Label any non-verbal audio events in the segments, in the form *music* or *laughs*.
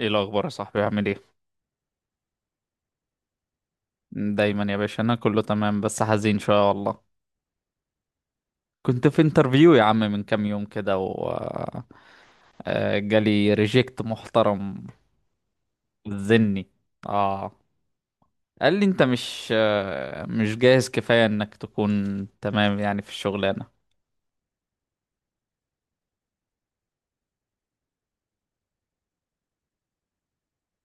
ايه الاخبار يا صاحبي؟ عامل ايه؟ دايما يا باشا، انا كله تمام بس حزين شويه والله. كنت في انترفيو يا عم من كام يوم كده و جالي ريجكت محترم. ذني. اه. قال لي انت مش مش جاهز كفايه انك تكون تمام يعني في الشغلانه.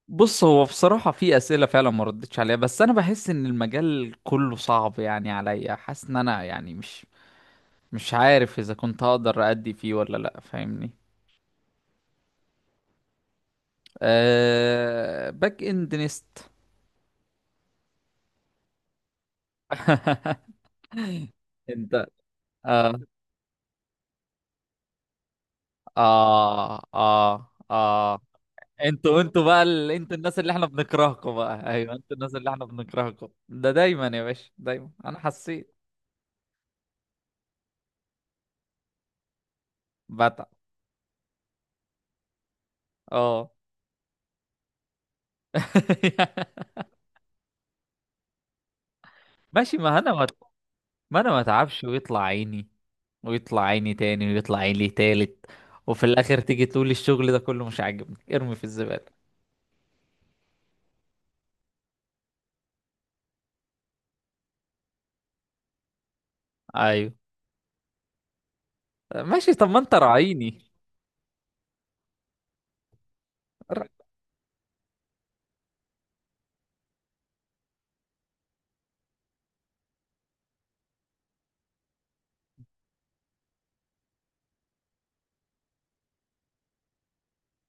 بص هو بصراحه في اسئله فعلا ما ردتش عليها، بس انا بحس ان المجال كله صعب يعني عليا. حاسس ان انا يعني مش عارف اذا كنت هقدر ادي فيه ولا لا، فاهمني. باك اند نيست. *laughs* انت. اه اه اه اه. انتوا بقى انتوا الناس اللي احنا بنكرهكم بقى. ايوه انتوا الناس اللي احنا بنكرهكم ده. دايما يا باشا دايما انا حسيت. بتعب. اه. *laughs* ماشي. ما انا ما اتعبش ويطلع عيني ويطلع عيني تاني ويطلع عيني تالت، وفي الاخر تيجي تقول الشغل ده كله مش عاجبني ارمي في الزبالة. ايوه ماشي، طب ما انت راعيني. ر-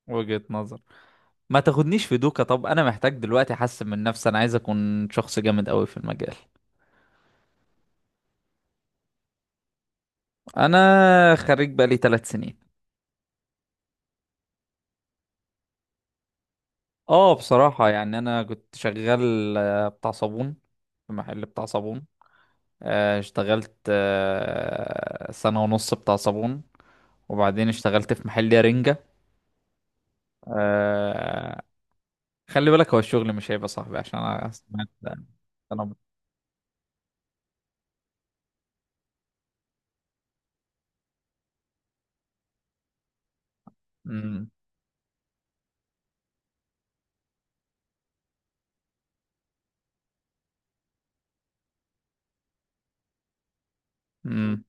وجهة نظر. ما تاخدنيش في دوكا، طب انا محتاج دلوقتي احسن من نفسي، انا عايز اكون شخص جامد قوي في المجال. انا خريج بقالي 3 سنين. اه بصراحة يعني انا كنت شغال بتاع صابون، في محل بتاع صابون. اشتغلت سنة ونص بتاع صابون، وبعدين اشتغلت في محل رنجة. آه، خلي بالك هو الشغل مش هيبقى صاحبي عشان انا سمعت. انا. مم. مم.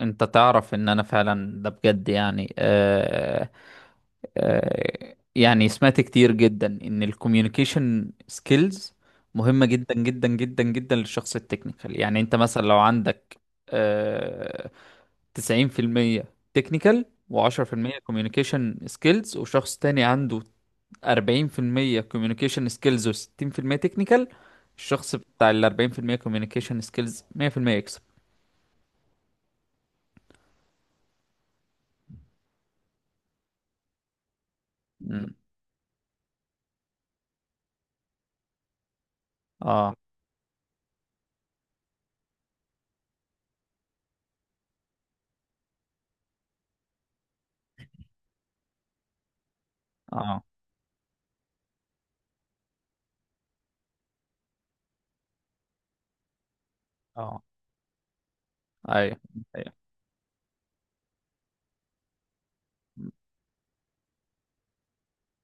انت تعرف ان انا فعلا ده بجد يعني يعني سمعت كتير جدا ان الكوميونيكيشن سكيلز مهمة جدا جدا جدا جدا للشخص التكنيكال. يعني انت مثلا لو عندك آه 90% تكنيكال و10% كوميونيكيشن سكيلز، وشخص تاني عنده 40% كوميونيكيشن سكيلز و60% تكنيكال، الشخص بتاع ال 40% كوميونيكيشن سكيلز 100% يكسب. مم. اه اه اه. ايوه. أيوة.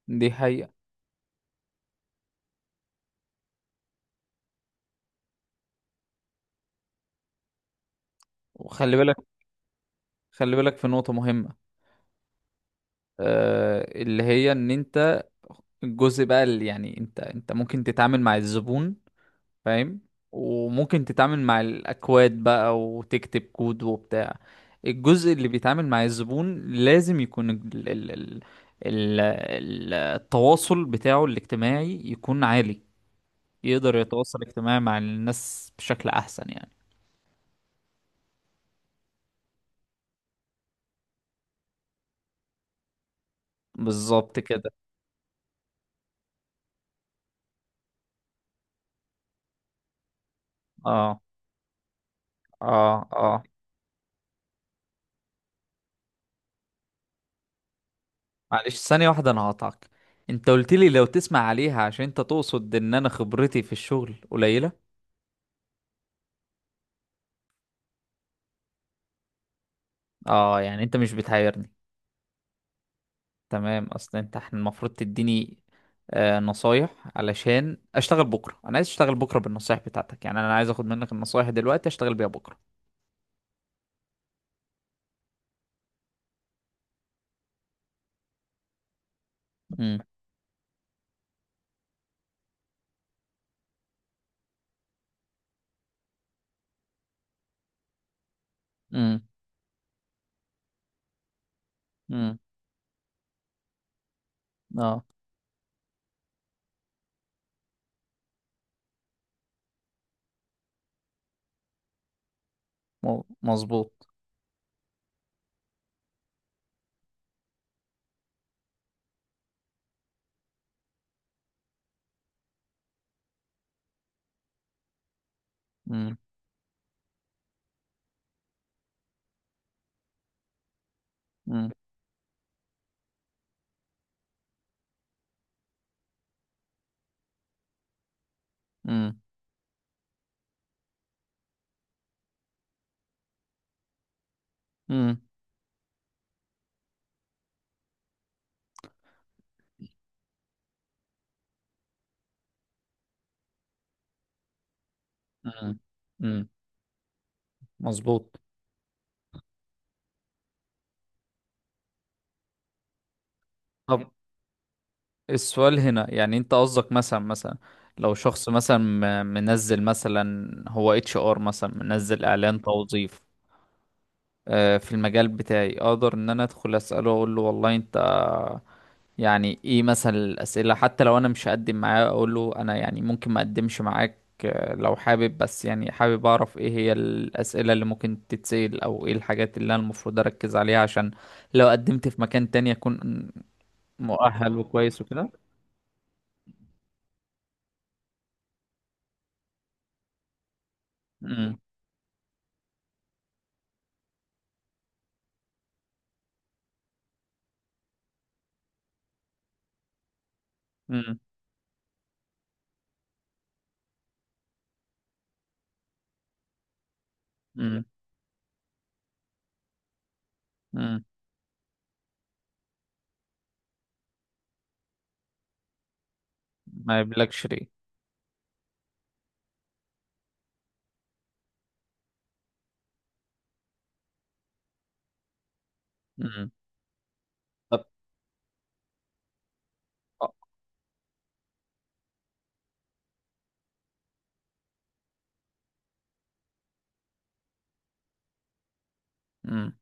دي حقيقة. وخلي بالك، خلي بالك في نقطة مهمة. اللي هي ان انت الجزء بقى اللي يعني انت ممكن تتعامل مع الزبون، فاهم، وممكن تتعامل مع الاكواد بقى وتكتب كود وبتاع. الجزء اللي بيتعامل مع الزبون لازم يكون التواصل بتاعه الاجتماعي يكون عالي، يقدر يتواصل اجتماعي مع الناس بشكل احسن يعني. بالظبط كده. اه اه اه. معلش ثانية واحدة انا هقطعك. انت قلت لي لو تسمع عليها، عشان انت تقصد ان انا خبرتي في الشغل قليلة. اه يعني انت مش بتحيرني. تمام، اصل انت احنا المفروض تديني نصايح علشان اشتغل بكرة. انا عايز اشتغل بكرة بالنصايح بتاعتك، يعني انا عايز اخد منك النصايح دلوقتي اشتغل بيها بكرة. امم امم امم. اه مظبوط. امم امم امم امم امم. مظبوط. طب السؤال هنا يعني انت قصدك مثلا لو شخص مثلا منزل، مثلا هو اتش ار مثلا، منزل اعلان توظيف في المجال بتاعي، اقدر ان انا ادخل اساله، اقول له والله انت يعني ايه مثلا الاسئله؟ حتى لو انا مش هقدم معاه، اقول له انا يعني ممكن ما اقدمش معاك لو حابب، بس يعني حابب اعرف ايه هي الاسئله اللي ممكن تتسال، او ايه الحاجات اللي انا المفروض اركز عليها عشان لو قدمت في مكان تاني اكون مؤهل وكويس وكده. امم. امم. مم. ما يبلكش ليه. مم. طب آه، مم.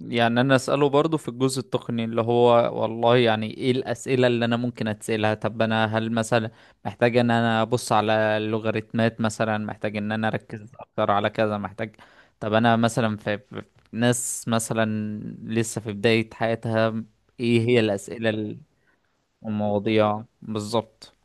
يعني انا اساله برضو في الجزء التقني اللي هو والله يعني ايه الاسئله اللي انا ممكن اتسالها. طب انا هل مثلا محتاج ان انا ابص على اللوغاريتمات، مثلا محتاج ان انا اركز اكتر على كذا، محتاج. طب انا مثلا في ناس مثلا لسه في بدايه حياتها، ايه هي الاسئله والمواضيع بالظبط.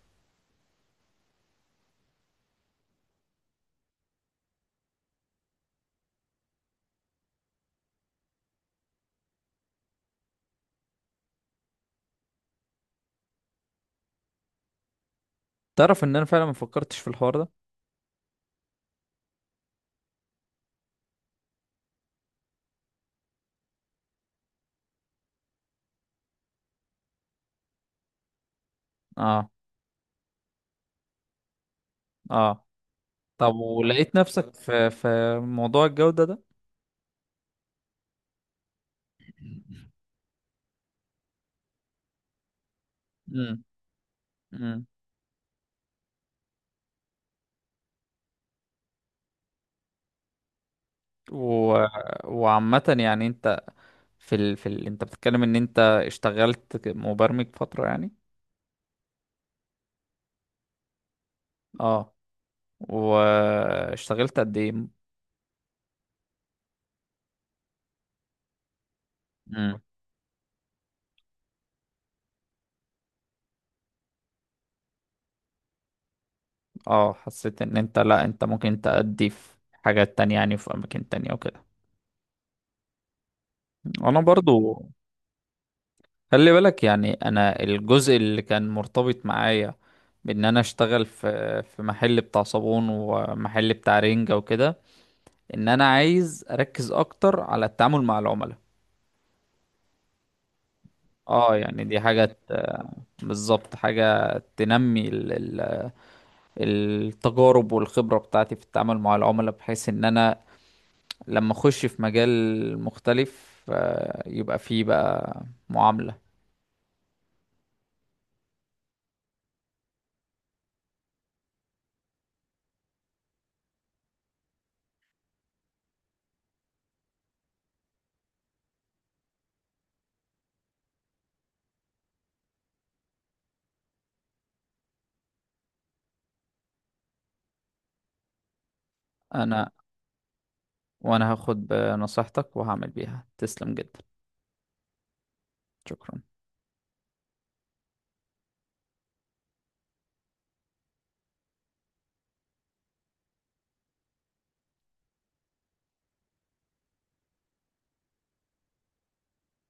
تعرف ان انا فعلا ما فكرتش في الحوار ده. اه. اه طب ولقيت نفسك في موضوع الجودة ده؟ امم. امم. و... وعامة يعني انت انت بتتكلم ان انت اشتغلت مبرمج فترة يعني. اه واشتغلت قد ايه؟ امم. اه حسيت ان انت، لا انت ممكن تأدي في حاجات تانية يعني، في اماكن تانية وكده. انا برضو. خلي بالك يعني انا الجزء اللي كان مرتبط معايا بان انا اشتغل في محل بتاع صابون ومحل بتاع رنجة وكده، ان انا عايز اركز اكتر على التعامل مع العملاء. اه يعني دي حاجة بالظبط حاجة تنمي ال- التجارب والخبرة بتاعتي في التعامل مع العملاء، بحيث ان انا لما اخش في مجال مختلف يبقى فيه بقى معاملة. انا وانا هاخد بنصيحتك وهعمل بيها. تسلم جدا. شكرا.